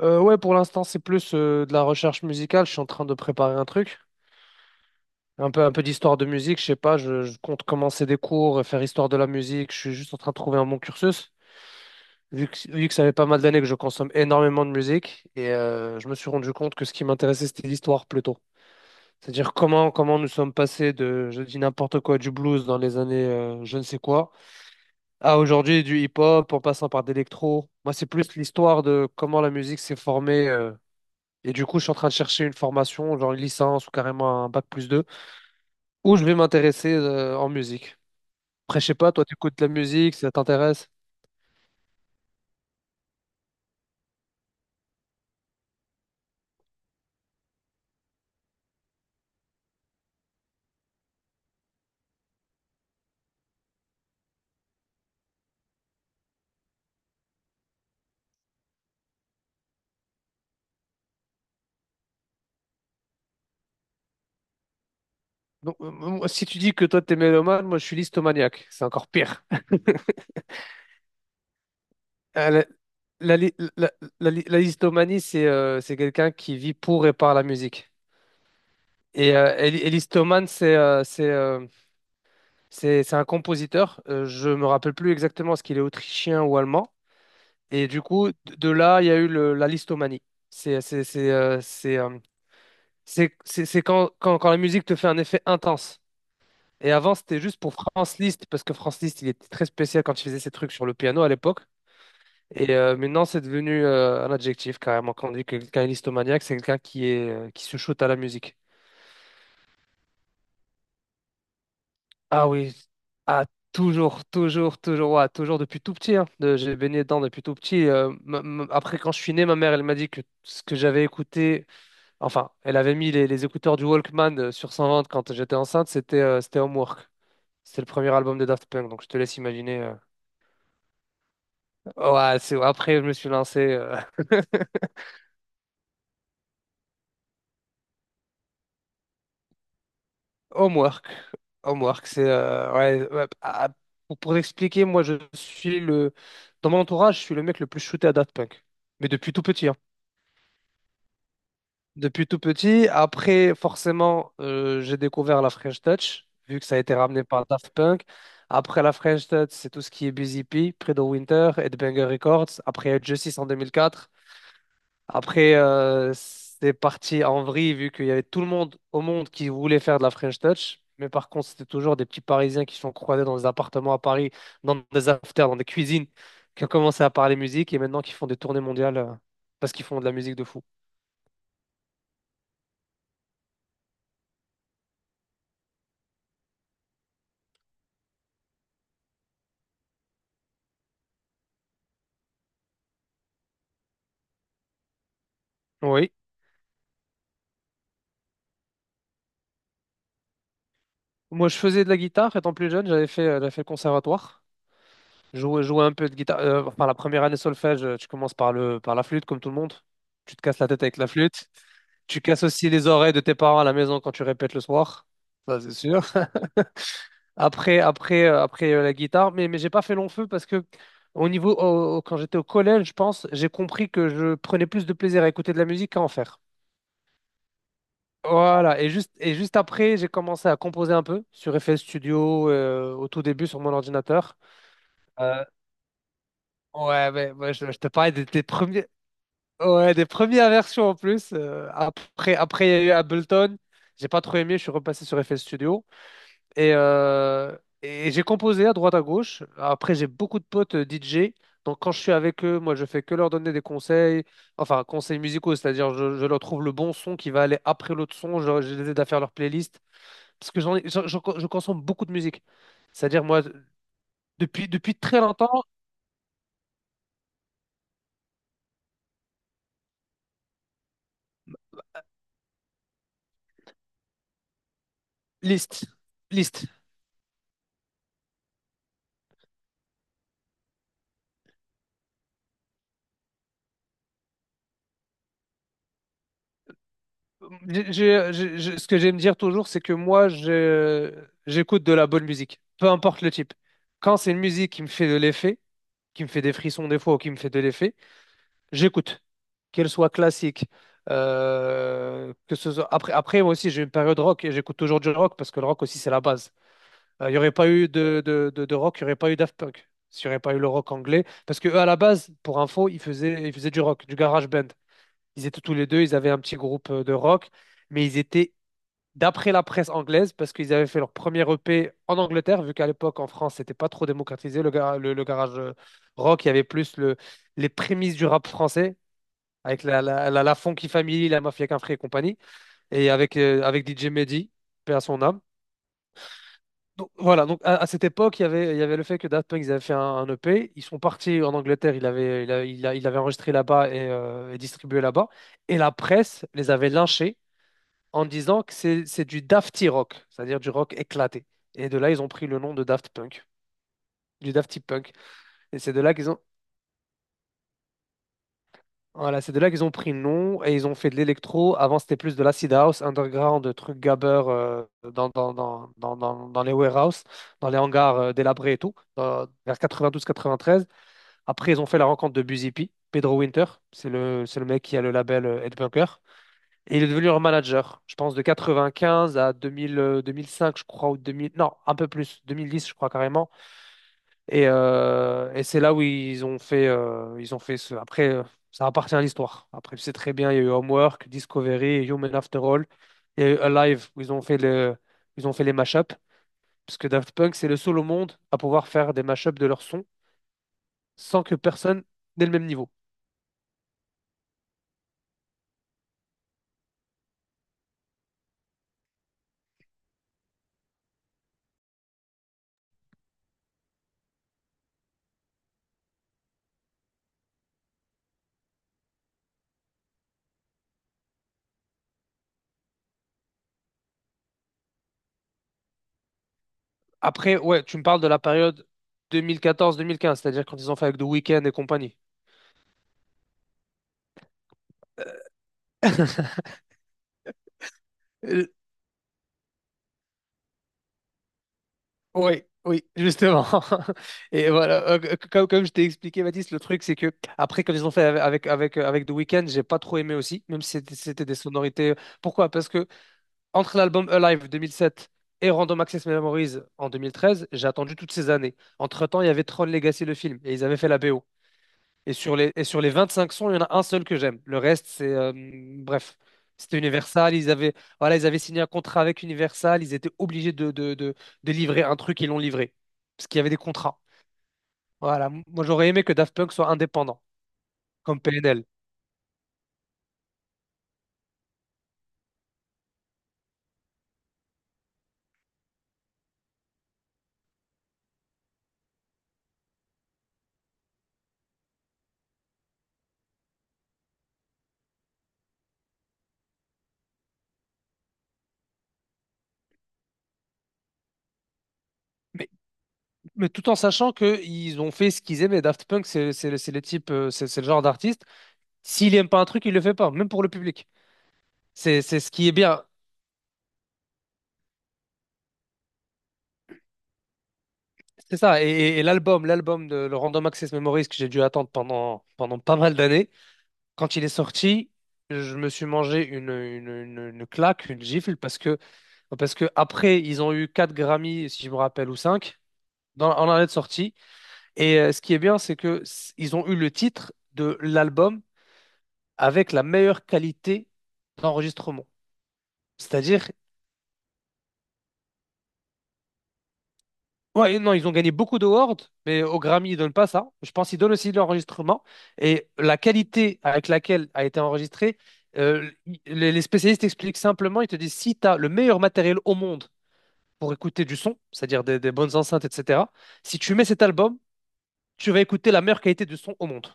Ouais, pour l'instant, c'est plus de la recherche musicale. Je suis en train de préparer un truc, un peu d'histoire de musique. Je sais pas, je compte commencer des cours, et faire histoire de la musique. Je suis juste en train de trouver un bon cursus, vu que ça fait pas mal d'années que je consomme énormément de musique. Et je me suis rendu compte que ce qui m'intéressait, c'était l'histoire plutôt. C'est-à-dire comment nous sommes passés de, je dis n'importe quoi, du blues dans les années je ne sais quoi, à aujourd'hui du hip-hop en passant par d'électro. Moi, c'est plus l'histoire de comment la musique s'est formée. Et du coup, je suis en train de chercher une formation, genre une licence ou carrément un bac plus 2, où je vais m'intéresser en musique. Après, je sais pas, toi, tu écoutes de la musique, ça t'intéresse? Donc, moi, si tu dis que toi, t'es mélomane, moi, je suis listomaniaque. C'est encore pire. Euh, la, la li- la- la listomanie, c'est quelqu'un qui vit pour et par la musique. Et Ellis Thomann, c'est un compositeur. Je me rappelle plus exactement ce qu'il est autrichien ou allemand. Et du coup, de là, il y a eu la listomanie. C'est c'est c'est euh, c'est euh, c'est quand la musique te fait un effet intense. Et avant, c'était juste pour Franz Liszt parce que Franz Liszt, il était très spécial quand il faisait ses trucs sur le piano à l'époque. Et maintenant, c'est devenu un adjectif carrément. Quand on dit que quelqu'un est listomaniaque, c'est quelqu'un qui est qui se shoot à la musique. Ah oui, ah, toujours, toujours, toujours, ouais, toujours depuis tout petit. Hein. J'ai baigné dedans depuis tout petit. Après, quand je suis né, ma mère, elle m'a dit que ce que j'avais écouté, enfin, elle avait mis les écouteurs du Walkman sur 120 quand j'étais enceinte, c'était Homework. C'était le premier album de Daft Punk, donc je te laisse imaginer. Ouais, c'est après, je me suis lancé Homework. Homework, c'est ouais, ouais, ah, ah, pour expliquer, moi, je suis le dans mon entourage, je suis le mec le plus shooté à Daft Punk, mais depuis tout petit. Hein. Depuis tout petit. Après, forcément, j'ai découvert la French Touch, vu que ça a été ramené par Daft Punk. Après la French Touch, c'est tout ce qui est Busy P, Predo Winter, Headbanger Records. Après, il y a eu Justice en 2004. Après, c'est parti en vrille vu qu'il y avait tout le monde au monde qui voulait faire de la French Touch. Mais par contre, c'était toujours des petits Parisiens qui se sont croisés dans des appartements à Paris, dans des afters, dans des cuisines, qui ont commencé à parler musique et maintenant qui font des tournées mondiales parce qu'ils font de la musique de fou. Oui. Moi, je faisais de la guitare étant plus jeune, j'avais fait le conservatoire. Je jouais un peu de guitare. Enfin, la première année solfège, tu commences par la flûte, comme tout le monde. Tu te casses la tête avec la flûte. Tu casses aussi les oreilles de tes parents à la maison quand tu répètes le soir. Ça, c'est sûr. Après, la guitare, mais j'ai pas fait long feu parce que au niveau, au- au- quand j'étais au collège, je pense, j'ai compris que je prenais plus de plaisir à écouter de la musique qu'à en faire. Voilà, et juste après, j'ai commencé à composer un peu sur FL Studio, au tout début sur mon ordinateur. Euh, ouais, mais moi, je te parlais des premiers, ouais, des premières versions en plus. Après, il y a eu Ableton. J'ai pas trop aimé, je suis repassé sur FL Studio. Et j'ai composé à droite à gauche. Après, j'ai beaucoup de potes DJ. Donc, quand je suis avec eux, moi, je fais que leur donner des conseils, enfin, conseils musicaux, c'est-à-dire, je leur trouve le bon son qui va aller après l'autre son. Je les aide à faire leur playlist. Parce que j'en, ai- j'en- j'en- je consomme beaucoup de musique. C'est-à-dire, moi, depuis très longtemps, liste. Liste. Ce que j'aime dire toujours, c'est que moi, j'écoute de la bonne musique, peu importe le type. Quand c'est une musique qui me fait de l'effet, qui me fait des frissons des fois ou qui me fait de l'effet, j'écoute. Qu'elle soit classique, que ce soit. Après, après, moi aussi, j'ai une période rock et j'écoute toujours du rock parce que le rock aussi, c'est la base. Il n'y aurait pas eu de rock, il n'y aurait pas eu Daft Punk, s'il n'y aurait pas eu le rock anglais. Parce que eux, à la base, pour info, ils faisaient du rock, du garage band. Ils étaient tous les deux, ils avaient un petit groupe de rock, mais ils étaient, d'après la presse anglaise, parce qu'ils avaient fait leur premier EP en Angleterre, vu qu'à l'époque en France, c'était pas trop démocratisé, le garage rock, il y avait plus les prémices du rap français, avec la Funky Family, la Mafia Kinfry et compagnie, et avec DJ Mehdi, paix à son âme. Donc, voilà, donc à cette époque, il y avait le fait que Daft Punk, ils avaient fait un EP, ils sont partis en Angleterre, il avait, il a- il a- il avait enregistré là-bas et distribué là-bas, et la presse les avait lynchés en disant que c'est du dafty rock, c'est-à-dire du rock éclaté. Et de là, ils ont pris le nom de Daft Punk, du Dafty Punk. Et c'est de là qu'ils ont, voilà, c'est de là qu'ils ont pris le nom et ils ont fait de l'électro. Avant, c'était plus de l'acid house, underground, de trucs gabber dans les warehouses, dans les hangars délabrés et tout, vers 92-93. Après, ils ont fait la rencontre de Busy P, Pedro Winter. C'est le mec qui a le label Headbunker. Et il est devenu leur manager, je pense, de 95 à 2000, 2005, je crois, ou 2000, non, un peu plus, 2010, je crois carrément. Et c'est là où ils ont fait ce. Après, ça appartient à l'histoire. Après, tu sais très bien, il y a eu Homework, Discovery, Human After All, il y a eu Alive, où ils ont fait les mashups, parce que Daft Punk, c'est le seul au monde à pouvoir faire des mashups de leurs sons sans que personne n'ait le même niveau. Après, ouais, tu me parles de la période 2014-2015, c'est-à-dire quand ils ont fait avec The Weeknd et compagnie. Euh, Oui, oui, justement. Et voilà, comme je t'ai expliqué, Baptiste, le truc, c'est que après, quand ils ont fait avec The Weeknd, j'ai pas trop aimé aussi, même si c'était des sonorités. Pourquoi? Parce que entre l'album Alive 2007 et Random Access Memories en 2013, j'ai attendu toutes ces années. Entre-temps, il y avait Tron Legacy, le film, et ils avaient fait la BO. Et sur les 25 sons, il y en a un seul que j'aime. Le reste, bref, c'était Universal. Ils avaient, voilà, ils avaient signé un contrat avec Universal. Ils étaient obligés de livrer un truc. Ils l'ont livré. Parce qu'il y avait des contrats. Voilà. Moi, j'aurais aimé que Daft Punk soit indépendant, comme PNL. Mais Mais tout en sachant qu'ils ont fait ce qu'ils aimaient. Daft Punk, c'est les types, c'est le genre d'artiste. S'il aime pas un truc, il le fait pas, même pour le public. C'est ce qui est bien. C'est ça. Et l'album, l'album de le Random Access Memories que j'ai dû attendre pendant pas mal d'années, quand il est sorti, je me suis mangé une claque, une gifle, parce que après, ils ont eu 4 Grammy, si je me rappelle, ou 5, en année de sortie. Et ce qui est bien, c'est que ils ont eu le titre de l'album avec la meilleure qualité d'enregistrement. C'est-à-dire, ouais, non, ils ont gagné beaucoup d'awards, mais au Grammy, ils donnent pas ça. Je pense qu'ils donnent aussi de l'enregistrement. Et la qualité avec laquelle a été enregistré, les spécialistes expliquent simplement, ils te disent, si tu as le meilleur matériel au monde pour écouter du son, c'est-à-dire des bonnes enceintes, etc., si tu mets cet album, tu vas écouter la meilleure qualité du son au monde.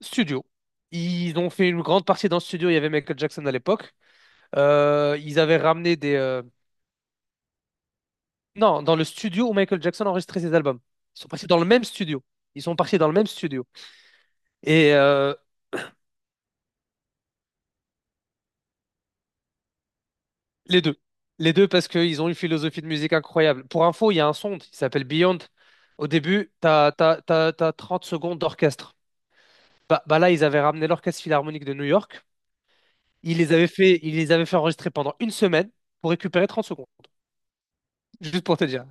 Studio. Ils ont fait une grande partie dans le studio, il y avait Michael Jackson à l'époque. Ils avaient ramené Non, dans le studio où Michael Jackson a enregistré ses albums. Ils sont partis dans le même studio. Ils sont partis dans le même studio. Et les deux. Les deux parce qu'ils ont une philosophie de musique incroyable. Pour info, il y a un son qui s'appelle Beyond. Au début, t'as 30 secondes d'orchestre. Bah là, ils avaient ramené l'Orchestre Philharmonique de New York. Ils les avaient fait enregistrer pendant une semaine pour récupérer 30 secondes. Juste pour te dire.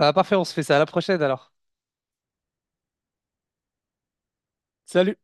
Ah, parfait, on se fait ça à la prochaine alors. Salut!